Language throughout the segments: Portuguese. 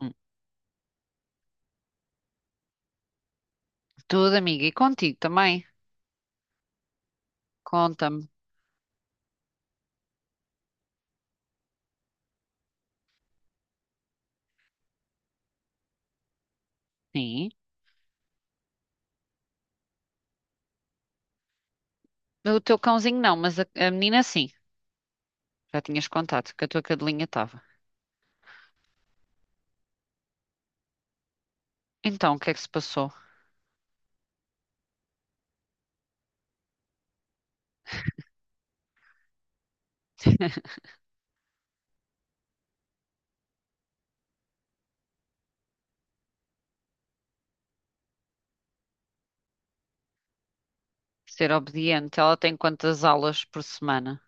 Hum, Tudo, amiga. E contigo também? Conta-me. Sim. O teu cãozinho não, mas a menina sim. Já tinhas contado que a tua cadelinha estava. Então, o que é que se passou? Ser obediente. Ela tem quantas aulas por semana?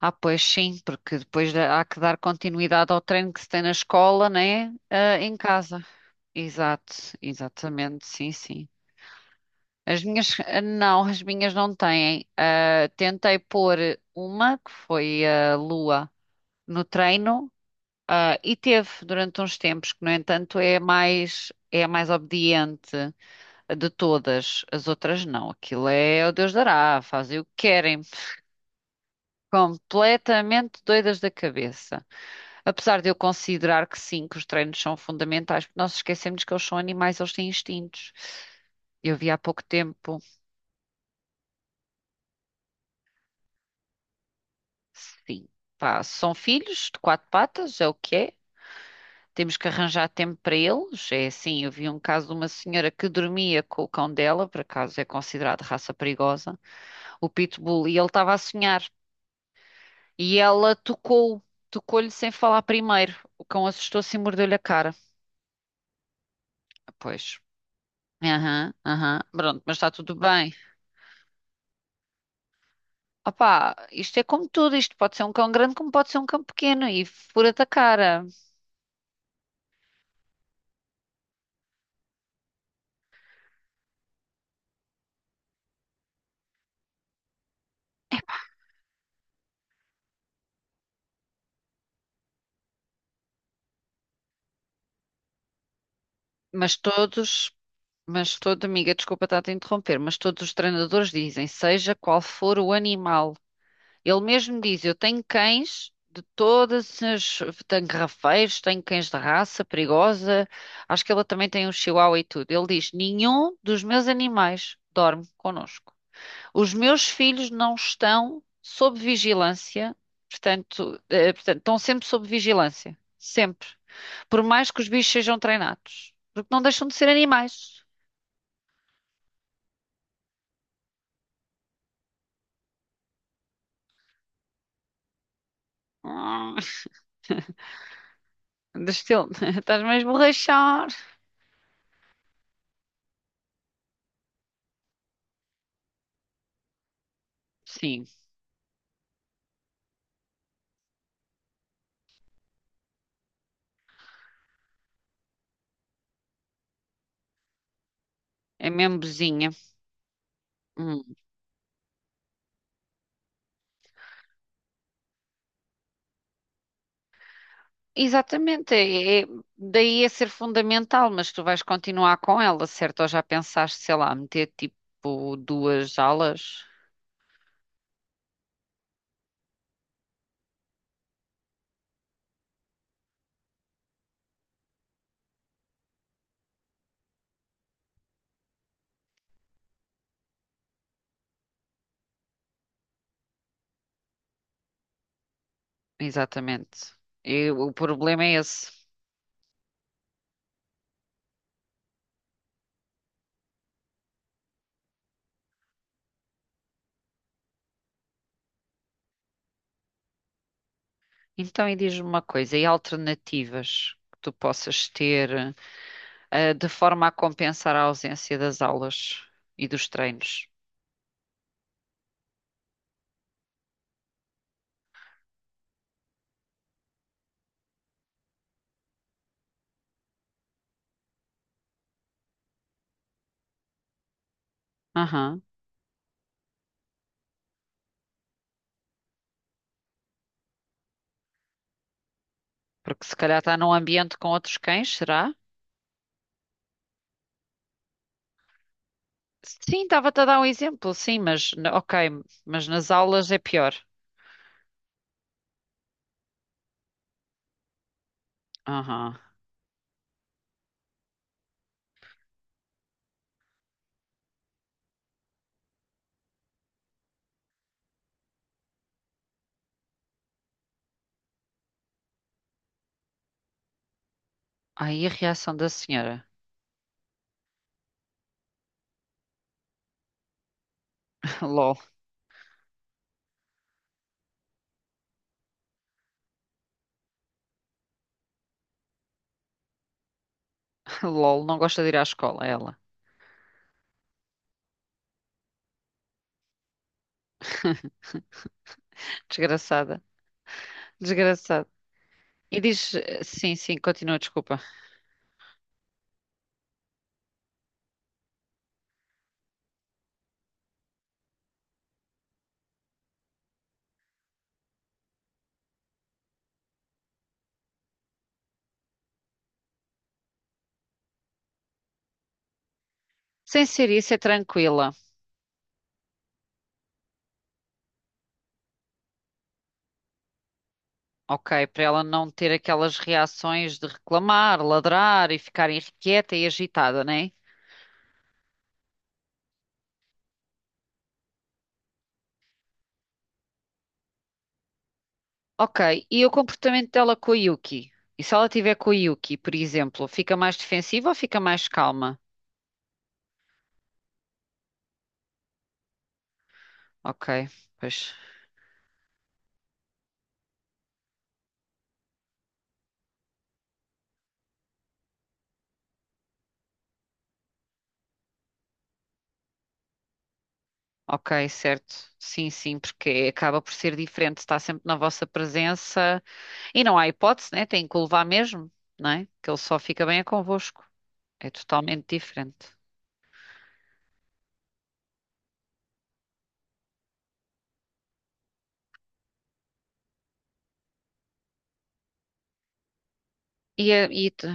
Ah, pois sim, porque depois há que dar continuidade ao treino que se tem na escola, né? Ah, em casa. Exato, exatamente. Sim, sim. As minhas, ah, não, as minhas não têm. Ah, tentei pôr uma, que foi a Lua, no treino. Ah, e teve durante uns tempos que, no entanto, é a mais obediente de todas. As outras não. Aquilo é o Deus dará, fazem o que querem. Completamente doidas da cabeça. Apesar de eu considerar que sim, que os treinos são fundamentais, porque nós esquecemos que eles são animais, eles têm instintos. Eu vi há pouco tempo, sim, pá, são filhos de quatro patas, é o que é. Temos que arranjar tempo para eles. É assim, eu vi um caso de uma senhora que dormia com o cão dela, por acaso é considerado raça perigosa, o Pitbull, e ele estava a sonhar. E ela tocou-lhe sem falar primeiro. O cão assustou-se e mordeu-lhe a cara. Pois. Aham, aham. Pronto, mas está tudo bem. Opá, isto é como tudo, isto pode ser um cão grande como pode ser um cão pequeno e fura-te a cara. Mas todos, Amiga, desculpa estar a te interromper, mas todos os treinadores dizem, seja qual for o animal. Ele mesmo diz: Eu tenho cães de todas as. Tenho rafeiros, tenho cães de raça perigosa. Acho que ele também tem um chihuahua e tudo. Ele diz: Nenhum dos meus animais dorme connosco. Os meus filhos não estão sob vigilância, portanto, estão sempre sob vigilância. Sempre. Por mais que os bichos sejam treinados. Porque não deixam de ser animais. Hum, do estás mesmo a rachar. Sim, é mesmo bozinha. Hum. Exatamente, daí é ser fundamental, mas tu vais continuar com ela, certo? Ou já pensaste, sei lá, meter tipo duas alas? Exatamente. E o problema é esse. Então, e diz-me uma coisa, e alternativas que tu possas ter, de forma a compensar a ausência das aulas e dos treinos? Aham. Porque se calhar está num ambiente com outros cães, será? Sim, estava-te a dar um exemplo, sim, mas ok, mas nas aulas é pior. Aham. Ai, a reação da senhora. LOL. LOL, não gosta de ir à escola, é ela. Desgraçada, desgraçada. E diz, sim, sim, continua, desculpa. Sem ser isso, é tranquila. Ok, para ela não ter aquelas reações de reclamar, ladrar e ficar irrequieta e agitada, né? Ok, e o comportamento dela com a Yuki? E se ela tiver com a Yuki, por exemplo, fica mais defensiva ou fica mais calma? Ok, pois. Ok, certo. Sim, sim, porque acaba por ser diferente, está sempre na vossa presença e não há hipótese, né? Tem que o levar mesmo, não é? Que ele só fica bem é convosco. É totalmente diferente. E, é- e, t-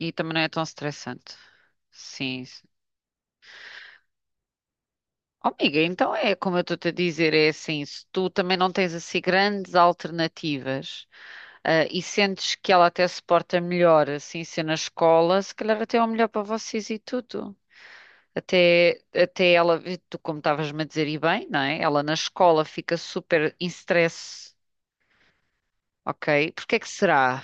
e também não é tão estressante. Sim. Sim. Oh, amiga, então é como eu estou-te a dizer, é assim, se tu também não tens assim grandes alternativas, ah, e sentes que ela até se porta melhor assim ser na escola, se calhar até é o melhor para vocês e tudo. Até ela, tu como estavas-me a dizer, e bem, não é? Ela na escola fica super em stress, ok? Porque é que será?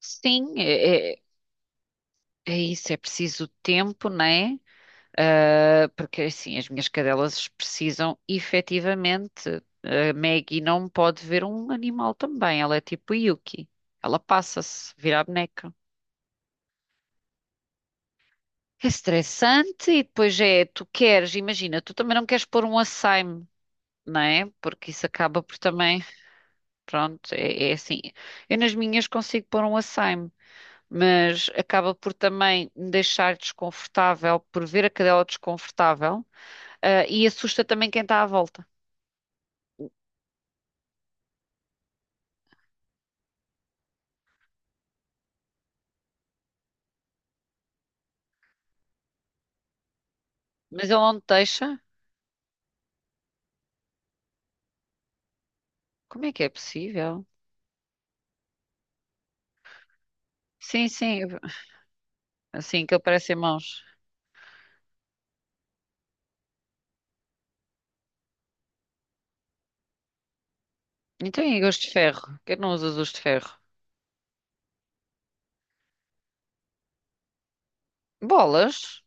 Sim, é isso, é preciso tempo, não é? Ah, porque assim, as minhas cadelas precisam efetivamente. A Maggie não pode ver um animal também, ela é tipo Yuki. Ela passa-se, vira a boneca. É estressante e depois é, tu queres, imagina, tu também não queres pôr um açaime, não é? Porque isso acaba por também. Pronto, é assim. Eu nas minhas consigo pôr um açaime, mas acaba por também me deixar desconfortável por ver a cadela desconfortável, ah, e assusta também quem está à volta. Mas ele não te deixa? Como é que é possível? Sim, sim, assim que ele parece em mãos. Então e gosto de ferro? Por que não usas os de ferro? Bolas?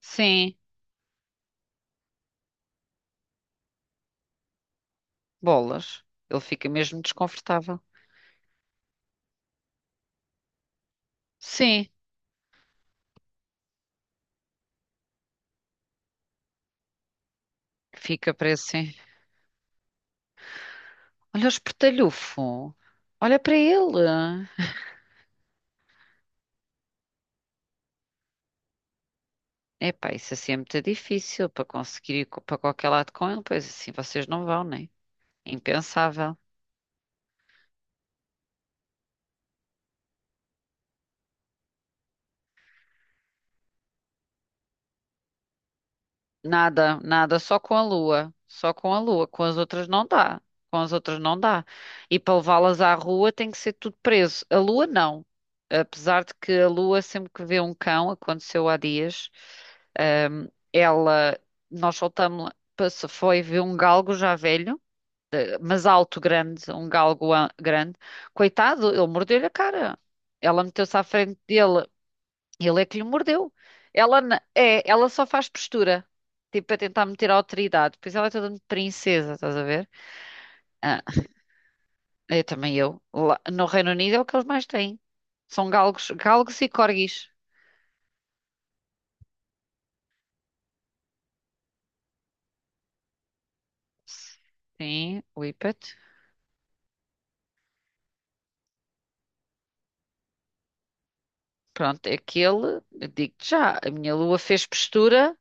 Sim, bolas. Ele fica mesmo desconfortável. Sim, fica preso, sim. Olha o espertalhufo. Olha para ele. Epá, isso assim é muito difícil para conseguir ir para qualquer lado com ele, pois assim vocês não vão, né? É impensável. Nada, nada, só com a Lua. Só com a Lua. Com as outras não dá. Com as outras não dá. E para levá-las à rua tem que ser tudo preso. A Lua não. Apesar de que a Lua, sempre que vê um cão, aconteceu há dias, ela, nós soltámos-la, foi ver um galgo já velho. Mas alto, grande, um galgo grande. Coitado, ele mordeu-lhe a cara. Ela meteu-se à frente dele, ele é que lhe mordeu. Ela só faz postura, tipo para tentar meter a autoridade. Pois ela é toda de princesa, estás a ver? Ah, eu também eu. No Reino Unido é o que eles mais têm. São galgos, galgos e corgis. Sim, whippet. Pronto, é aquele, eu digo-te já, a minha Lua fez postura.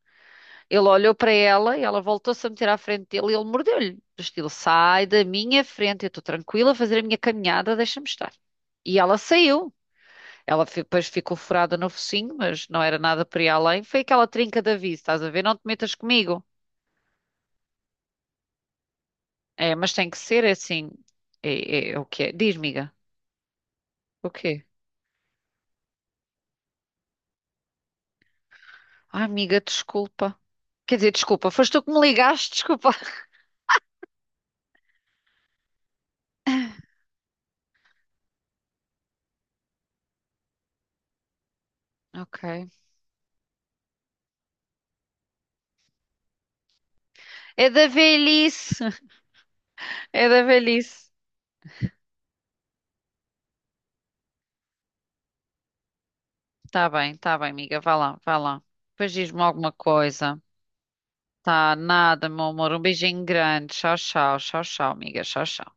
Ele olhou para ela e ela voltou-se a meter à frente dele e ele mordeu-lhe. Do estilo, sai da minha frente, eu estou tranquila a fazer a minha caminhada, deixa-me estar. E ela saiu. Depois ficou furada no focinho, mas não era nada para ir além. Foi aquela trinca de aviso, estás a ver? Não te metas comigo. É, mas tem que ser é assim. É, é o que é? Diz, amiga. O quê? Ai, amiga, desculpa. Quer dizer, desculpa, foste tu que me ligaste, desculpa. Ok. É da velhice. É da velhice. Tá bem, amiga. Vá lá, vá lá. Depois diz-me alguma coisa. Tá, nada, meu amor. Um beijinho grande. Tchau, tchau, tchau, tchau, amiga. Tchau, tchau.